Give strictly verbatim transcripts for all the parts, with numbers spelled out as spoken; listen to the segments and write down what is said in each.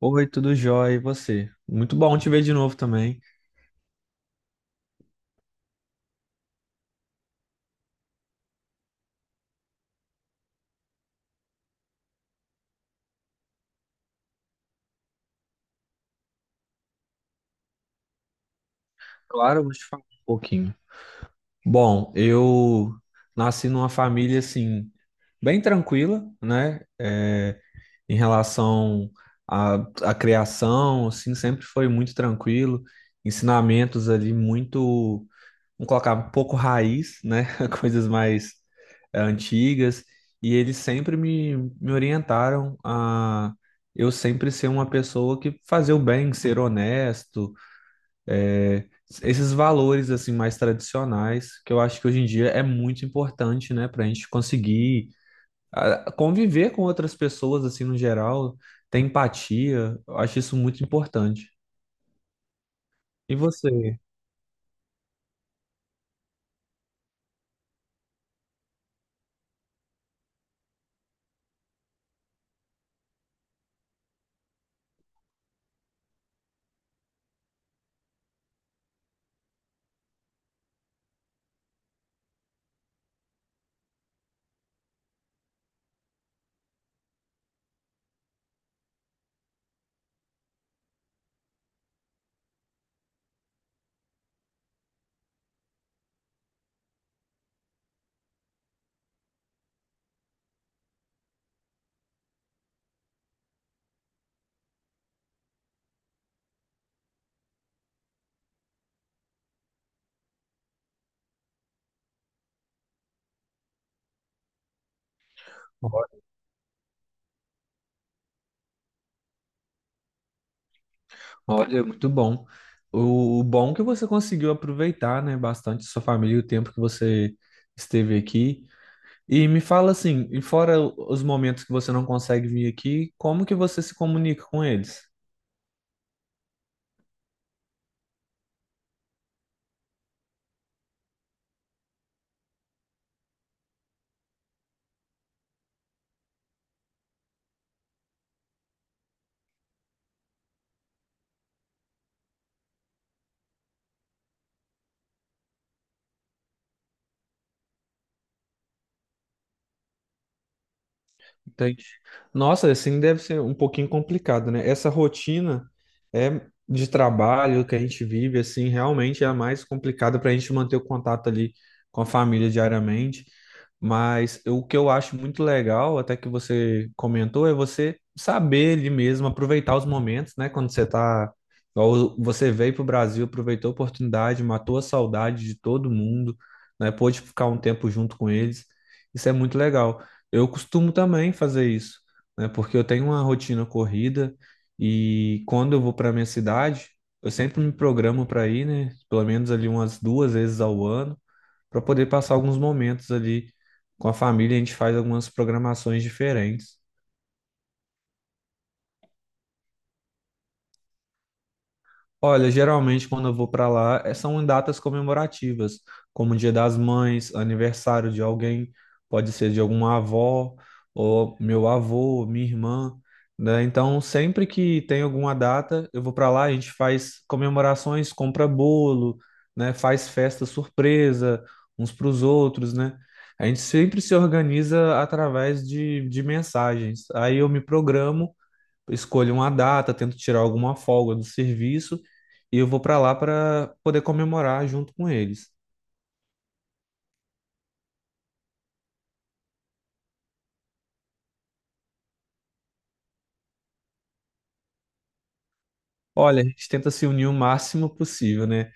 Oi, tudo jóia, e você? Muito bom te ver de novo também. Claro, eu vou te falar um pouquinho. Bom, eu nasci numa família assim, bem tranquila, né? É, em relação à, à criação, assim, sempre foi muito tranquilo, ensinamentos ali muito. Vamos colocar um pouco raiz, né? Coisas mais eh, antigas. E eles sempre me, me orientaram a eu sempre ser uma pessoa que fazer o bem, ser honesto, eh, esses valores assim mais tradicionais, que eu acho que hoje em dia é muito importante, né? Para a gente conseguir ah, conviver com outras pessoas assim no geral, ter empatia. Eu acho isso muito importante. E você? Olha, muito bom. O, o bom é que você conseguiu aproveitar, né, bastante sua família e o tempo que você esteve aqui. E me fala assim, e fora os momentos que você não consegue vir aqui, como que você se comunica com eles? Entendi. Nossa, assim deve ser um pouquinho complicado, né? Essa rotina é de trabalho que a gente vive, assim, realmente é a mais complicada para a gente manter o contato ali com a família diariamente. Mas eu- o que eu acho muito legal, até que você comentou, é você saber ali mesmo, aproveitar os momentos, né? Quando você tá, igual você veio para o Brasil, aproveitou a oportunidade, matou a saudade de todo mundo, né? Pôde ficar um tempo junto com eles. Isso é muito legal. Eu costumo também fazer isso, né? Porque eu tenho uma rotina corrida e quando eu vou para minha cidade, eu sempre me programo para ir, né? Pelo menos ali umas duas vezes ao ano, para poder passar alguns momentos ali com a família. A gente faz algumas programações diferentes. Olha, geralmente quando eu vou para lá, eh, são em datas comemorativas, como Dia das Mães, aniversário de alguém, pode ser de alguma avó, ou meu avô, minha irmã, né? Então, sempre que tem alguma data, eu vou para lá, a gente faz comemorações, compra bolo, né? Faz festa surpresa uns para os outros, né? A gente sempre se organiza através de, de mensagens. Aí eu me programo, escolho uma data, tento tirar alguma folga do serviço e eu vou para lá para poder comemorar junto com eles. Olha, a gente tenta se unir o máximo possível, né?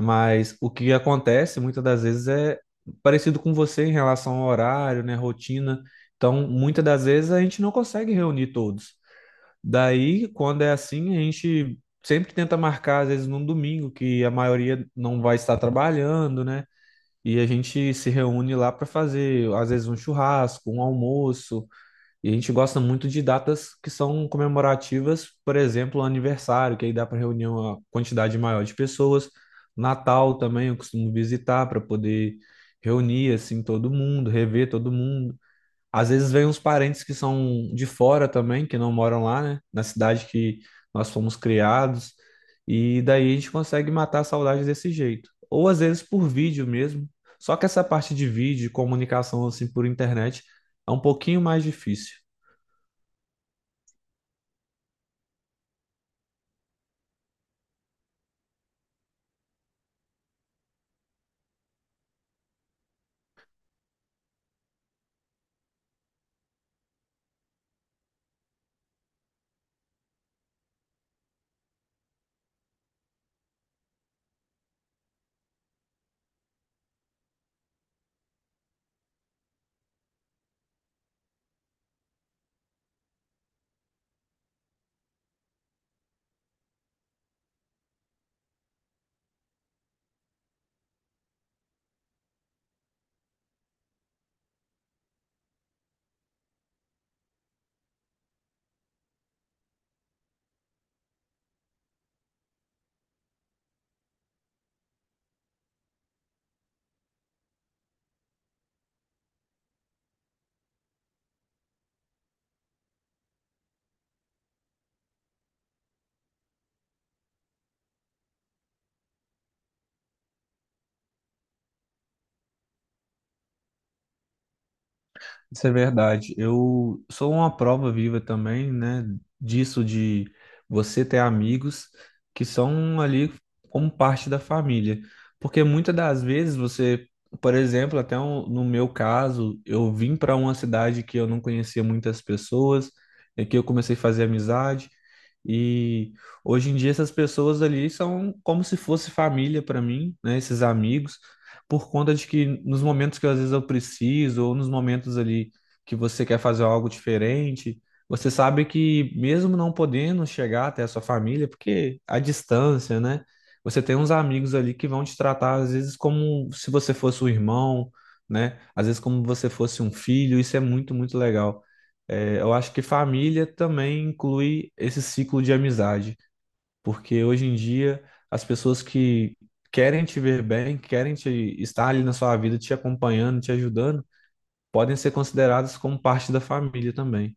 Mas o que acontece muitas das vezes é parecido com você em relação ao horário, né, rotina. Então, muitas das vezes a gente não consegue reunir todos. Daí, quando é assim, a gente sempre tenta marcar, às vezes, num domingo, que a maioria não vai estar trabalhando, né? E a gente se reúne lá para fazer, às vezes, um churrasco, um almoço. E a gente gosta muito de datas que são comemorativas, por exemplo, aniversário, que aí dá para reunir uma quantidade maior de pessoas. Natal também eu costumo visitar para poder reunir assim todo mundo, rever todo mundo. Às vezes vem uns parentes que são de fora também, que não moram lá, né? Na cidade que nós fomos criados. E daí a gente consegue matar a saudade desse jeito. Ou às vezes por vídeo mesmo. Só que essa parte de vídeo, comunicação assim por internet, é um pouquinho mais difícil. Isso é verdade. Eu sou uma prova viva também, né, disso de você ter amigos que são ali como parte da família. Porque muitas das vezes você, por exemplo, até um- no meu caso, eu vim para uma cidade que eu não conhecia muitas pessoas, e que eu comecei a fazer amizade. E hoje em dia essas pessoas ali são como se fosse família para mim, né, esses amigos, por conta de que nos momentos que às vezes eu preciso, ou nos momentos ali que você quer fazer algo diferente, você sabe que mesmo não podendo chegar até a sua família, porque a distância, né? Você tem uns amigos ali que vão te tratar às vezes como se você fosse um irmão, né? Às vezes como você fosse um filho, isso é muito, muito legal. É, eu acho que família também inclui esse ciclo de amizade. Porque hoje em dia as pessoas que querem te ver bem, querem te estar ali na sua vida, te acompanhando, te ajudando, podem ser consideradas como parte da família também.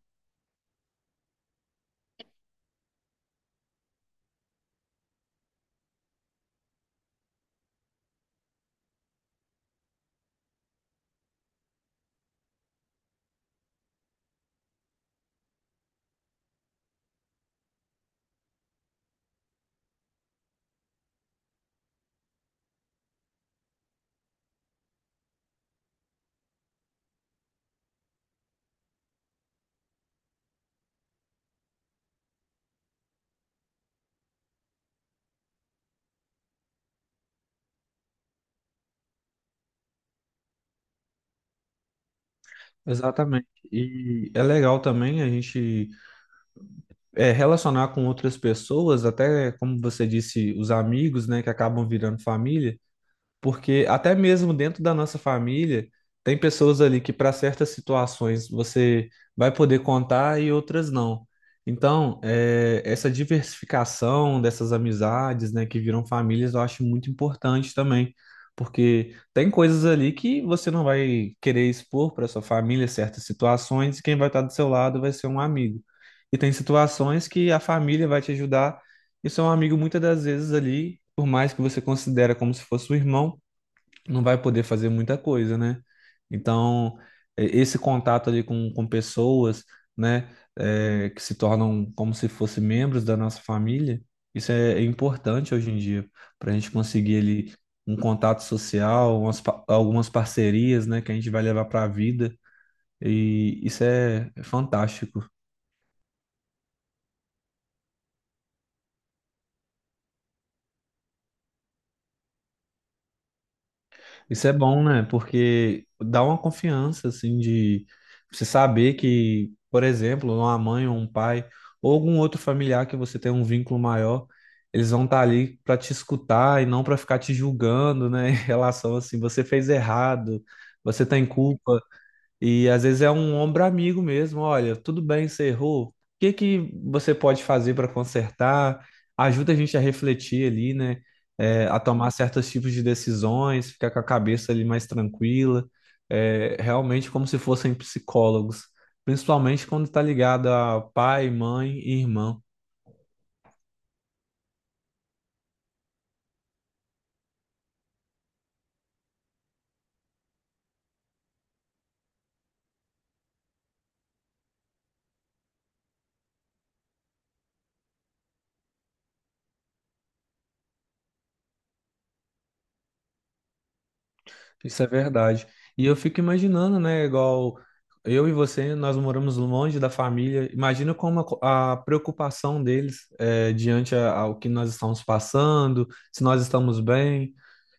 Exatamente. E é legal também a gente é, relacionar com outras pessoas, até como você disse, os amigos, né, que acabam virando família. Porque até mesmo dentro da nossa família, tem pessoas ali que para certas situações você vai poder contar e outras não. Então, eh, essa diversificação dessas amizades, né, que viram famílias, eu acho muito importante também. Porque tem coisas ali que você não vai querer expor para sua família certas situações, e quem vai estar do seu lado vai ser um amigo. E tem situações que a família vai te ajudar, e seu amigo muitas das vezes ali, por mais que você considera como se fosse um irmão, não vai poder fazer muita coisa, né? Então, eh, esse contato ali com, com pessoas, né, eh, que se tornam como se fossem membros da nossa família, isso é, é importante hoje em dia, para a gente conseguir ali um contato social, umas pa- algumas parcerias, né, que a gente vai levar para a vida, e isso é é fantástico. Isso é bom, né? Porque dá uma confiança, assim, de você saber que, por exemplo, uma mãe ou um pai, ou algum outro familiar que você tem um vínculo maior, eles vão estar ali para te escutar e não para ficar te julgando, né? Em relação assim, você fez errado, você tem culpa. E às vezes é um ombro amigo mesmo. Olha, tudo bem, você errou. O que que você pode fazer para consertar? Ajuda a gente a refletir ali, né? É, a tomar certos tipos de decisões, ficar com a cabeça ali mais tranquila. É, realmente como se fossem psicólogos, principalmente quando está ligado a pai, mãe e irmão. Isso é verdade. E eu fico imaginando, né, igual eu e você, nós moramos longe da família. Imagina como a, co- a preocupação deles é, diante a- ao que nós estamos passando, se nós estamos bem.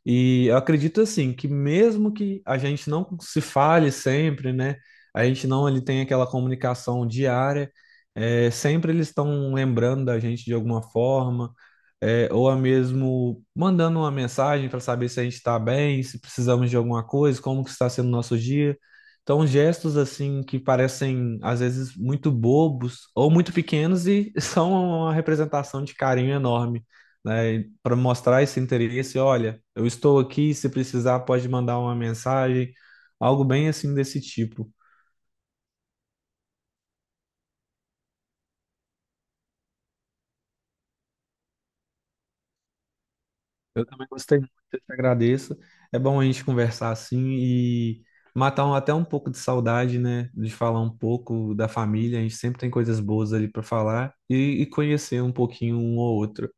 E eu acredito assim que mesmo que a gente não se fale sempre, né, a gente não ali tem aquela comunicação diária, é, sempre eles estão lembrando da gente de alguma forma, é, ou a mesmo mandando uma mensagem para saber se a gente está bem, se precisamos de alguma coisa, como que está sendo o nosso dia. Então, gestos assim que parecem às vezes muito bobos ou muito pequenos e são uma representação de carinho enorme, né? Para mostrar esse interesse, olha, eu estou aqui, se precisar pode mandar uma mensagem, algo bem assim desse tipo. Também gostei muito, eu te agradeço. É bom a gente conversar assim e matar um- até um pouco de saudade, né? De falar um pouco da família. A gente sempre tem coisas boas ali para falar, e, e conhecer um pouquinho um ou outro.